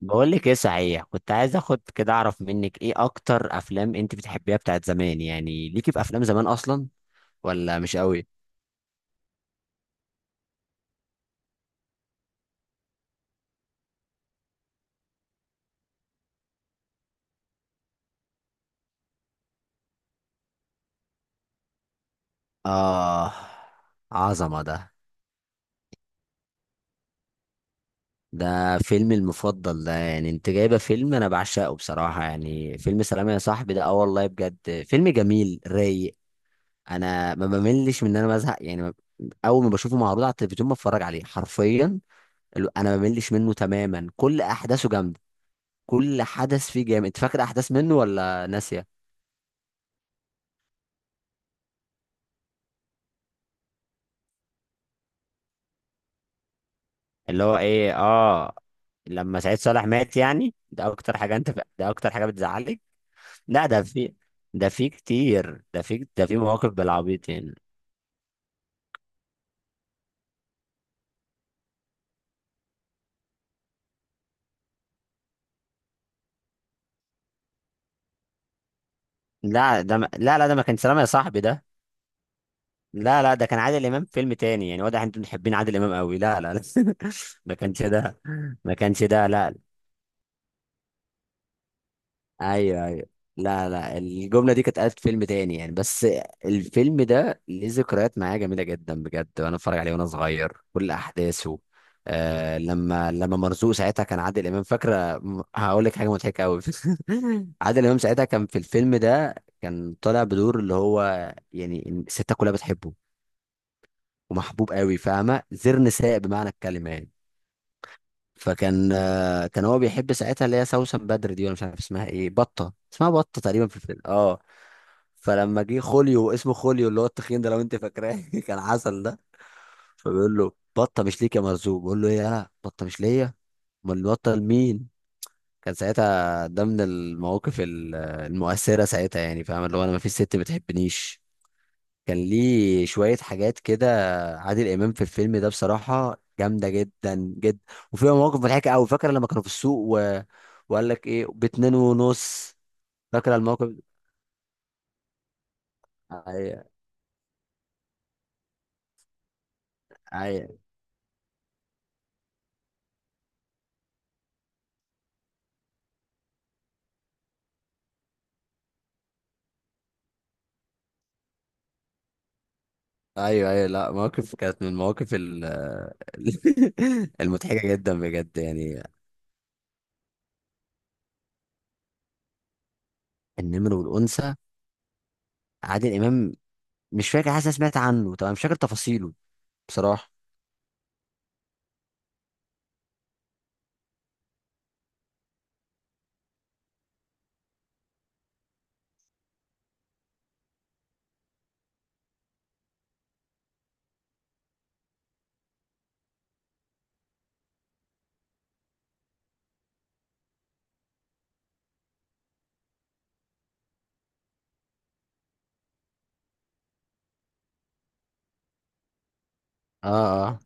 بقول لك ايه، صحيح كنت عايز اخد كده اعرف منك ايه اكتر افلام انت بتحبيها بتاعت زمان، يعني ليكي في افلام زمان اصلا ولا مش قوي؟ اه، عظمه ده. ده فيلمي المفضل ده، يعني انت جايبه فيلم انا بعشقه بصراحه، يعني فيلم سلام يا صاحبي ده، اه والله بجد فيلم جميل رايق. انا ما بملش من ان انا بزهق، يعني اول ما بشوفه معروض على التلفزيون بتفرج عليه حرفيا. انا ما بملش منه تماما، كل احداثه جامده، كل حدث فيه جامد، فاكر احداث منه ولا ناسيه. اللي هو ايه، اه. لما سعيد صالح مات، يعني ده اكتر حاجه انت، ده اكتر حاجه بتزعلك. لا، ده في كتير، ده في مواقف بالعبيط يعني. لا، ده ما... لا ده ما كان سلام يا صاحبي ده. لا ده كان عادل امام في فيلم تاني، يعني واضح انتوا محبين عادل امام قوي، لا لا لا ما كانش ده، ما كانش ده لا. ايوه ايوه، لا الجمله دي كانت قالت في فيلم تاني يعني، بس الفيلم ده ليه ذكريات معايا جميله جدا بجد، وانا اتفرج عليه وانا صغير كل احداثه. آه، لما مرزوق ساعتها كان عادل امام، فاكره هقول لك حاجه مضحكه قوي. عادل امام ساعتها كان في الفيلم ده كان طالع بدور، اللي هو يعني الستات كلها بتحبه ومحبوب قوي، فاهمه؟ زر نساء بمعنى الكلمه يعني. فكان كان هو بيحب ساعتها اللي هي سوسن بدر دي، ولا مش عارف اسمها ايه، بطه اسمها، بطه تقريبا في الفيلم، اه. فلما جه خوليو، اسمه خوليو اللي هو التخين ده لو انت فاكراه، كان عسل ده. فبيقول له بطه مش ليك يا مرزوق، بيقول له ايه انا بطه مش ليا، امال البطه لمين. كان ساعتها ده من المواقف المؤثره ساعتها، يعني فاهم اللي هو انا ما فيش ست بتحبنيش. كان ليه شويه حاجات كده. عادل امام في الفيلم ده بصراحه جامده جدا جدا، وفيها مواقف مضحكه قوي. فاكر لما كانوا في السوق و... وقال لك ايه باتنين ونص. فاكر الموقف، ايوه، أيوه. ايوه ايوه، لا، مواقف كانت من المواقف المضحكه جدا بجد يعني. النمر والانثى، عادل امام، مش فاكر، حاسس أنا سمعت عنه طبعا، مش فاكر تفاصيله بصراحه. اه اه.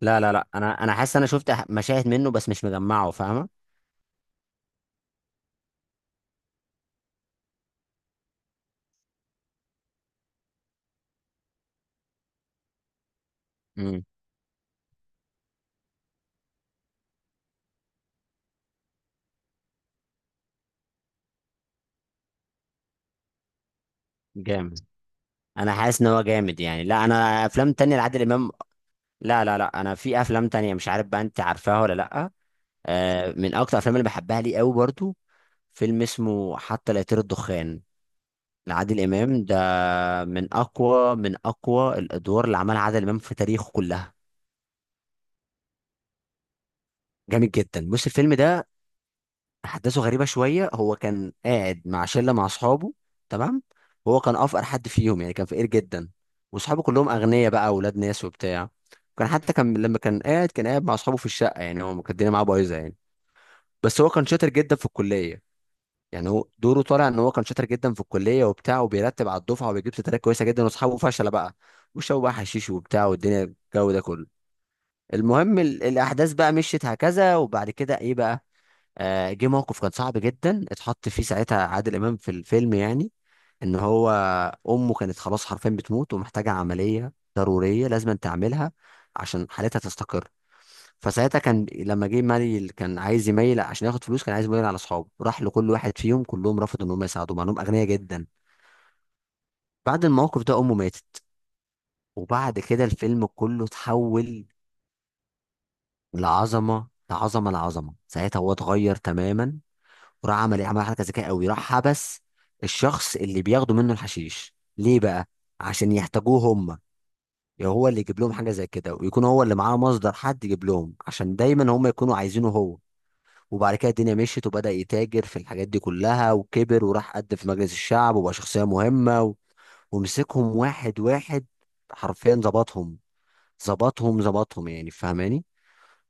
لا لا لا، انا حاسس انا شفت مشاهد منه بس مش مجمعه، فاهمه؟ امم. جامد، انا حاسس ان هو جامد يعني. لا انا افلام تانية لعادل امام، لا لا لا، انا في افلام تانية مش عارف بقى انت عارفاها ولا لا. آه، من اكتر الافلام اللي بحبها لي قوي برضو، فيلم اسمه حتى لا يطير الدخان لعادل امام ده، من اقوى من اقوى الادوار اللي عملها عادل امام في تاريخه كلها. جامد جدا. بص، الفيلم ده احداثه غريبه شويه. هو كان قاعد مع شله، مع اصحابه، تمام، وهو كان افقر حد فيهم يعني، كان فقير جدا، واصحابه كلهم اغنياء بقى، اولاد ناس وبتاع. كان حتى كان لما كان قاعد، كان قاعد مع اصحابه في الشقه، يعني هو كان الدنيا معاه بايظه يعني، بس هو كان شاطر جدا في الكليه. يعني هو دوره طالع ان هو كان شاطر جدا في الكليه وبتاع، وبيرتب على الدفعه وبيجيب ستارات كويسه جدا، واصحابه فشله بقى، وشربوا بقى حشيش وبتاع، والدنيا الجو ده كله. المهم الاحداث بقى مشيت هكذا، وبعد كده ايه بقى، آه، جه موقف كان صعب جدا اتحط فيه ساعتها عادل امام في الفيلم، يعني ان هو امه كانت خلاص حرفيا بتموت ومحتاجه عمليه ضروريه لازم تعملها عشان حالتها تستقر. فساعتها كان لما جه مالي كان عايز يميل عشان ياخد فلوس، كان عايز يميل على اصحابه، راح لكل واحد فيهم كلهم رفضوا ان هم يساعدوه مع انهم اغنياء جدا. بعد الموقف ده امه ماتت، وبعد كده الفيلم كله اتحول لعظمه لعظمه لعظمه. ساعتها هو اتغير تماما، وراح عمل ايه، عمل حركه ذكيه قوي، راح حبس الشخص اللي بياخدوا منه الحشيش ليه بقى، عشان يحتاجوه هم، يعني هو اللي يجيب لهم حاجه زي كده، ويكون هو اللي معاه مصدر حد يجيب لهم، عشان دايما هم يكونوا عايزينه هو. وبعد كده الدنيا مشيت وبدأ يتاجر في الحاجات دي كلها، وكبر وراح قد في مجلس الشعب وبقى شخصية مهمة و... ومسكهم واحد واحد، حرفيا ظبطهم، ظبطهم يعني، فاهماني؟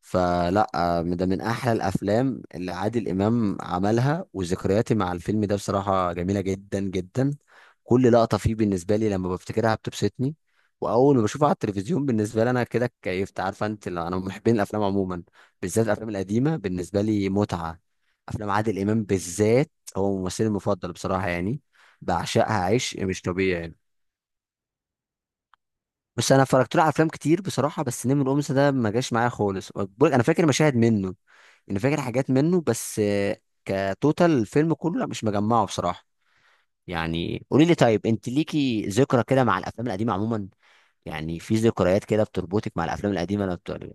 فلا، ده من احلى الافلام اللي عادل امام عملها، وذكرياتي مع الفيلم ده بصراحه جميله جدا جدا. كل لقطه فيه بالنسبه لي لما بفتكرها بتبسطني، واول ما بشوفها على التلفزيون بالنسبه لي انا كده كيفت، عارفه انت لو انا من محبين الافلام عموما، بالذات الافلام القديمه بالنسبه لي متعه. افلام عادل امام بالذات، هو ممثلي المفضل بصراحه يعني، بعشقها عيش مش طبيعي يعني. بس انا اتفرجت له على افلام كتير بصراحه، بس نمر الأمس ده ما جاش معايا خالص، بقولك انا فاكر مشاهد منه، انا فاكر حاجات منه بس كتوتال الفيلم كله لا مش مجمعه بصراحه. يعني قولي لي طيب، انت ليكي ذكرى كده مع الافلام القديمه عموما، يعني في ذكريات كده بتربطك مع الافلام القديمه انا بتقول؟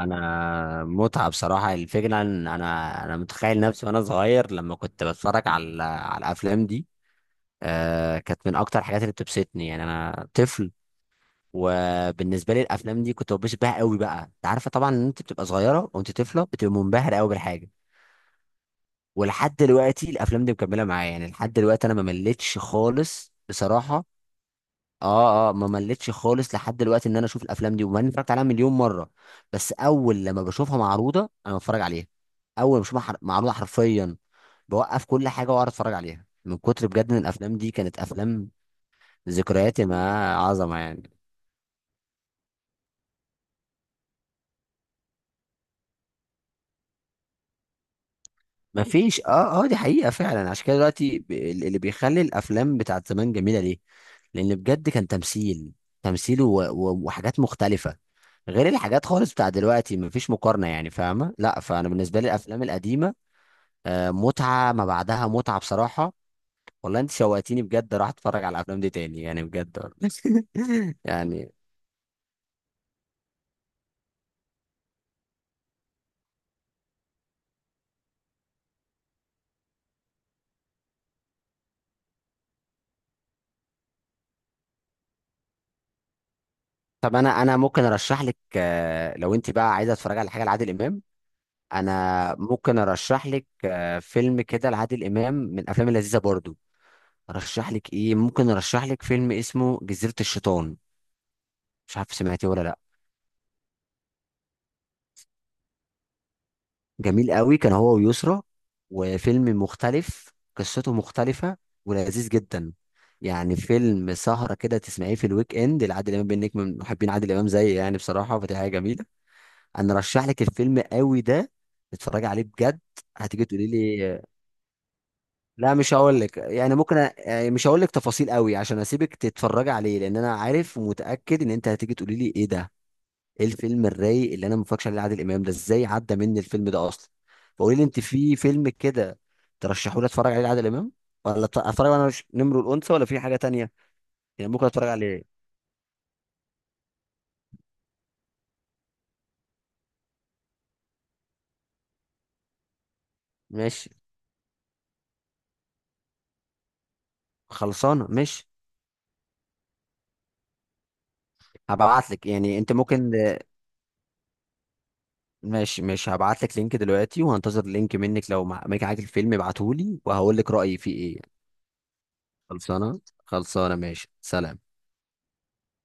انا متعه بصراحه الفكره ان انا متخيل نفسي وانا صغير لما كنت بتفرج على الافلام دي. آه، كانت من اكتر الحاجات اللي بتبسطني يعني، انا طفل وبالنسبه لي الافلام دي كنت ببسط بيها قوي بقى، انت عارفه طبعا ان انت بتبقى صغيره وانت طفله بتبقى منبهر قوي بالحاجه. ولحد دلوقتي الافلام دي مكمله معايا، يعني لحد دلوقتي انا ما مليتش خالص بصراحه. اه اه، ما مليتش خالص لحد دلوقتي ان انا اشوف الافلام دي، وما اني اتفرجت عليها مليون مره بس اول لما بشوفها معروضه انا بتفرج عليها. اول ما بشوفها معروضه حرفيا بوقف كل حاجه واقعد اتفرج عليها، من كتر بجد ان الافلام دي كانت افلام ذكرياتي معاه عظمه يعني. ما فيش، اه اه، دي حقيقة فعلا. عشان كده دلوقتي اللي بيخلي الافلام بتاعت زمان جميلة ليه، لان بجد كان تمثيل، تمثيل و... و... وحاجات مختلفة غير الحاجات خالص بتاع دلوقتي، ما فيش مقارنة يعني فاهمة؟ لا، فانا بالنسبة لي الافلام القديمة آه متعة ما بعدها متعة بصراحة. والله انت شوقتيني بجد، راح اتفرج على الافلام دي تاني يعني بجد والله. يعني طب، انا ممكن ارشح لك لو انت بقى عايزة تتفرج على حاجة لعادل امام، انا ممكن ارشح لك فيلم كده لعادل امام من الافلام اللذيذه برضو. ارشح لك ايه، ممكن ارشح لك فيلم اسمه جزيره الشيطان، مش عارف سمعتيه ولا لا. جميل قوي، كان هو ويسرا، وفيلم مختلف قصته مختلفه ولذيذ جدا، يعني فيلم سهره كده تسمعيه في الويك اند لعادل امام، بانك من محبين عادل امام زي يعني بصراحه، فدي حاجه جميله. انا ارشح لك الفيلم قوي ده، اتفرجي عليه بجد. هتيجي تقولي لي، لا مش هقول لك، يعني ممكن أ... يعني مش هقول لك تفاصيل قوي عشان اسيبك تتفرجي عليه، لان انا عارف ومتاكد ان انت هتيجي تقولي لي ايه ده، ايه الفيلم الرايق اللي انا ما اتفرجش عليه عادل امام ده، ازاي عدى مني الفيلم ده اصلا. فقولي لي انت في فيلم كده ترشحوا لي اتفرج عليه عادل امام، ولا اتفرج وانا مش نمر الانثى، ولا في حاجه تانية يعني ممكن اتفرج عليه. ماشي، خلصانه ماشي. هبعت لك، يعني انت ممكن، ماشي ماشي، هبعت لك لينك دلوقتي، وهنتظر لينك منك، لو معاك الفيلم ابعته لي وهقول لك رايي فيه ايه. خلصانه. خلصانه ماشي، سلام.